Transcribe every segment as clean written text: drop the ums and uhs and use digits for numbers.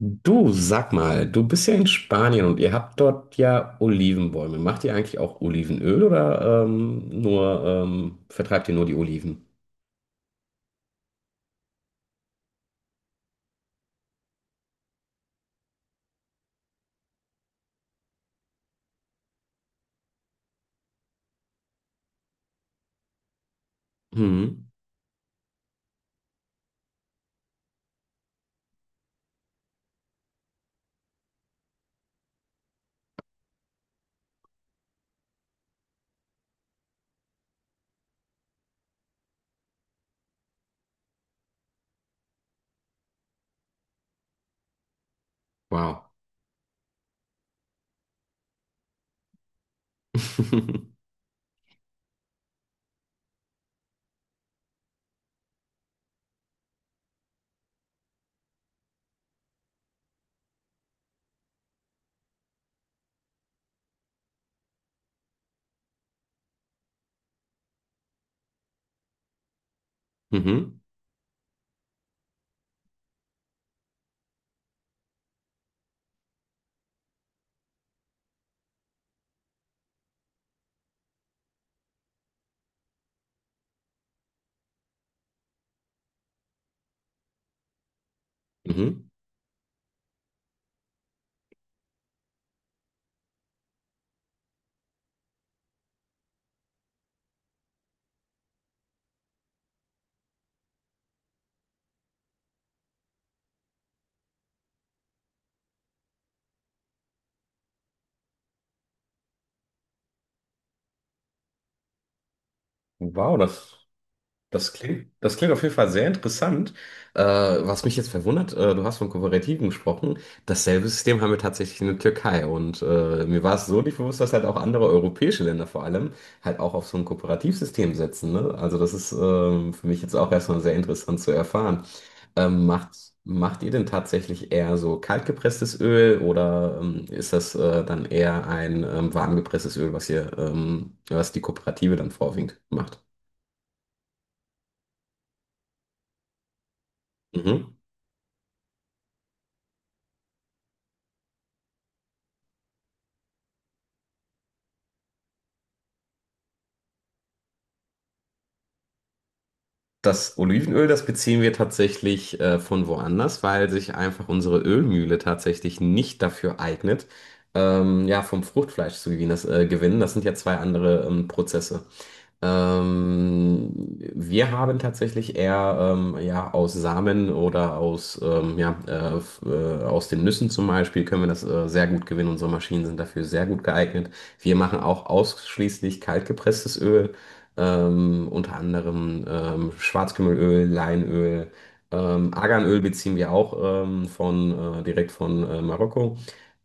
Du, sag mal, du bist ja in Spanien und ihr habt dort ja Olivenbäume. Macht ihr eigentlich auch Olivenöl oder nur vertreibt ihr nur die Oliven? Mhm. Wow. Mhm. Mhm. Wow, das. Das klingt auf jeden Fall sehr interessant. Was mich jetzt verwundert, du hast von Kooperativen gesprochen. Dasselbe System haben wir tatsächlich in der Türkei. Und mir war es so nicht bewusst, dass halt auch andere europäische Länder vor allem halt auch auf so ein Kooperativsystem setzen, ne? Also das ist für mich jetzt auch erstmal sehr interessant zu erfahren. Ähm, macht, macht ihr denn tatsächlich eher so kaltgepresstes Öl oder ist das dann eher ein warmgepresstes Öl, was was die Kooperative dann vorwiegend macht? Mhm. Das Olivenöl, das beziehen wir tatsächlich von woanders, weil sich einfach unsere Ölmühle tatsächlich nicht dafür eignet, ja, vom Fruchtfleisch zu gewinnen. Gewinnen. Das sind ja zwei andere Prozesse. Ähm, wir haben tatsächlich eher ja, aus Samen oder aus den Nüssen zum Beispiel können wir das sehr gut gewinnen. Unsere Maschinen sind dafür sehr gut geeignet. Wir machen auch ausschließlich kaltgepresstes Öl, unter anderem Schwarzkümmelöl, Leinöl. Arganöl beziehen wir auch direkt von Marokko.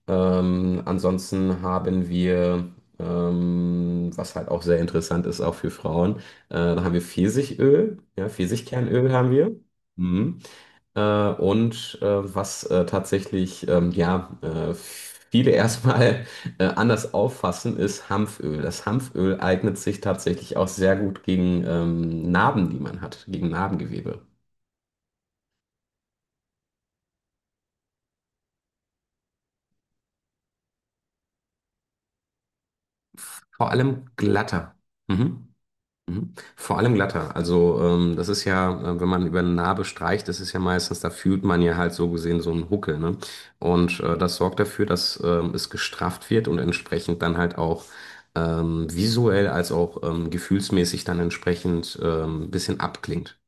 Ansonsten haben wir was halt auch sehr interessant ist, auch für Frauen. Dann haben wir Pfirsichöl, ja, Pfirsichkernöl haben wir. Mhm. Äh, und was tatsächlich, viele erstmal anders auffassen, ist Hanföl. Das Hanföl eignet sich tatsächlich auch sehr gut gegen Narben, die man hat, gegen Narbengewebe. Vor allem glatter. Mhm. Mhm. Vor allem glatter. Also wenn man über eine Narbe streicht, das ist ja meistens, da fühlt man ja halt so gesehen so einen Huckel, ne? Und das sorgt dafür, dass es gestrafft wird und entsprechend dann halt auch visuell als auch gefühlsmäßig dann entsprechend ein bisschen abklingt.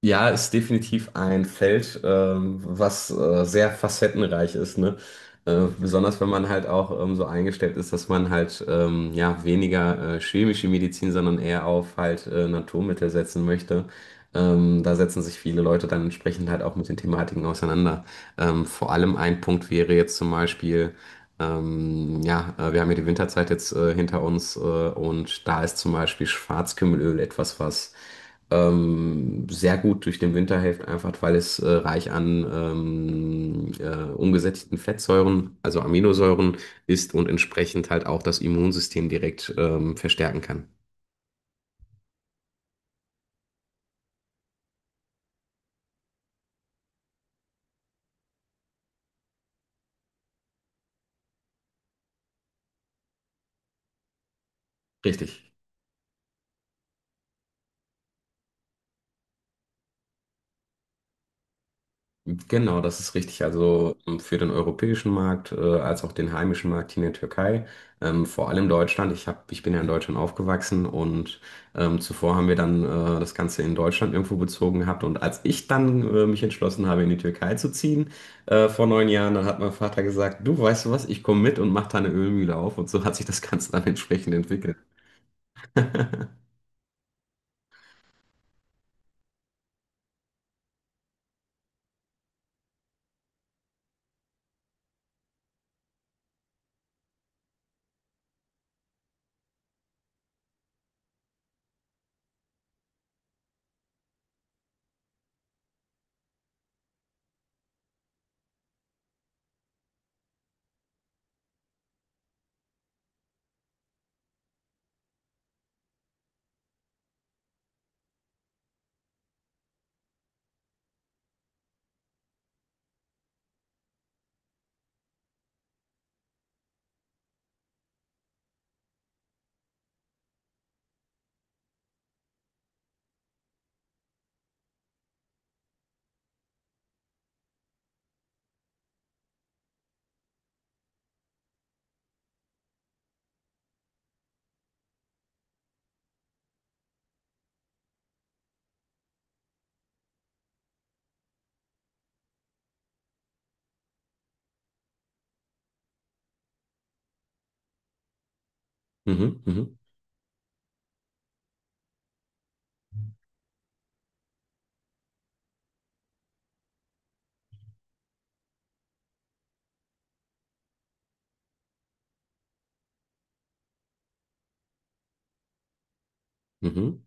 Ja, ist definitiv ein Feld, was sehr facettenreich ist, ne? Besonders wenn man halt auch so eingestellt ist, dass man halt ja weniger chemische Medizin, sondern eher auf halt Naturmittel setzen möchte. Da setzen sich viele Leute dann entsprechend halt auch mit den Thematiken auseinander. Vor allem ein Punkt wäre jetzt zum Beispiel, ja, wir haben ja die Winterzeit jetzt hinter uns und da ist zum Beispiel Schwarzkümmelöl etwas, was sehr gut durch den Winter hilft, einfach weil es reich an umgesättigten Fettsäuren, also Aminosäuren ist und entsprechend halt auch das Immunsystem direkt verstärken kann. Richtig. Genau, das ist richtig. Also für den europäischen Markt, als auch den heimischen Markt hier in der Türkei, vor allem Deutschland. Ich bin ja in Deutschland aufgewachsen und zuvor haben wir dann das Ganze in Deutschland irgendwo bezogen gehabt. Und als ich dann mich entschlossen habe, in die Türkei zu ziehen, vor neun Jahren, dann hat mein Vater gesagt, du weißt du was, ich komme mit und mach da eine Ölmühle auf. Und so hat sich das Ganze dann entsprechend entwickelt. Mhm, mhm, mhm.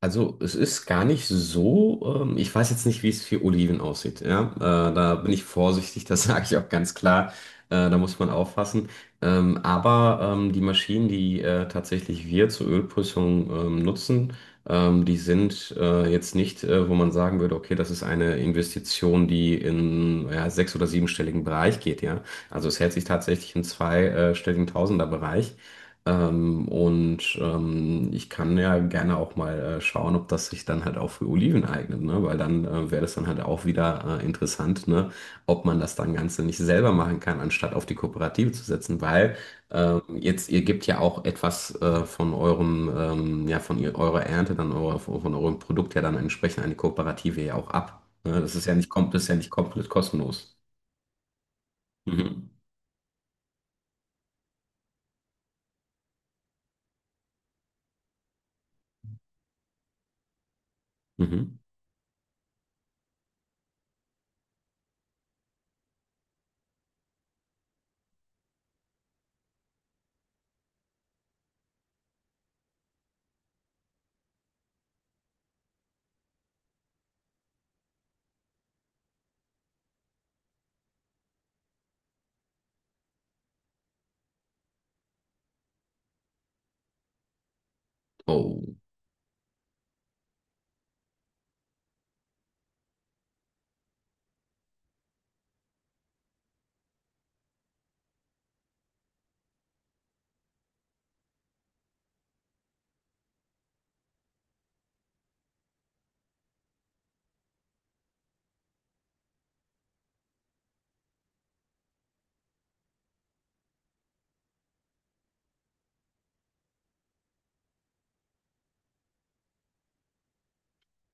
Also es ist gar nicht so, ich weiß jetzt nicht, wie es für Oliven aussieht. Ja? Da bin ich vorsichtig, das sage ich auch ganz klar. Da muss man aufpassen. Aber die Maschinen, die tatsächlich wir zur Ölprüfung nutzen, die sind jetzt nicht, wo man sagen würde, okay, das ist eine Investition, die in ja, sechs- oder siebenstelligen Bereich geht. Ja? Also es hält sich tatsächlich im zweistelligen Tausenderbereich. Und ich kann ja gerne auch mal schauen, ob das sich dann halt auch für Oliven eignet, ne? Weil dann wäre das dann halt auch wieder interessant, ne? Ob man das dann Ganze nicht selber machen kann, anstatt auf die Kooperative zu setzen, weil jetzt ihr gebt ja auch etwas von eurem, ja, von ihr, eurer Ernte, dann von eurem Produkt ja dann entsprechend an die Kooperative ja auch ab, ne? Das ist ja nicht, das ist ja nicht komplett kostenlos. Mhm. Mhm. Oh.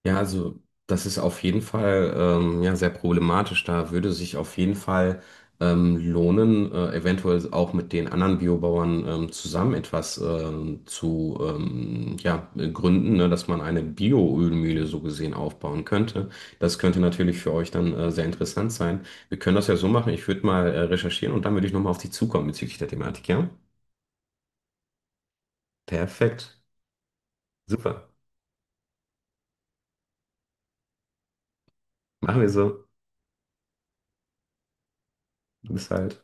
Ja, also das ist auf jeden Fall sehr problematisch. Da würde sich auf jeden Fall lohnen, eventuell auch mit den anderen Biobauern zusammen etwas zu gründen, ne, dass man eine Bioölmühle so gesehen aufbauen könnte. Das könnte natürlich für euch dann sehr interessant sein. Wir können das ja so machen. Ich würde mal recherchieren und dann würde ich nochmal auf dich zukommen bezüglich der Thematik, ja? Perfekt. Super. Machen wir so. Bis halt.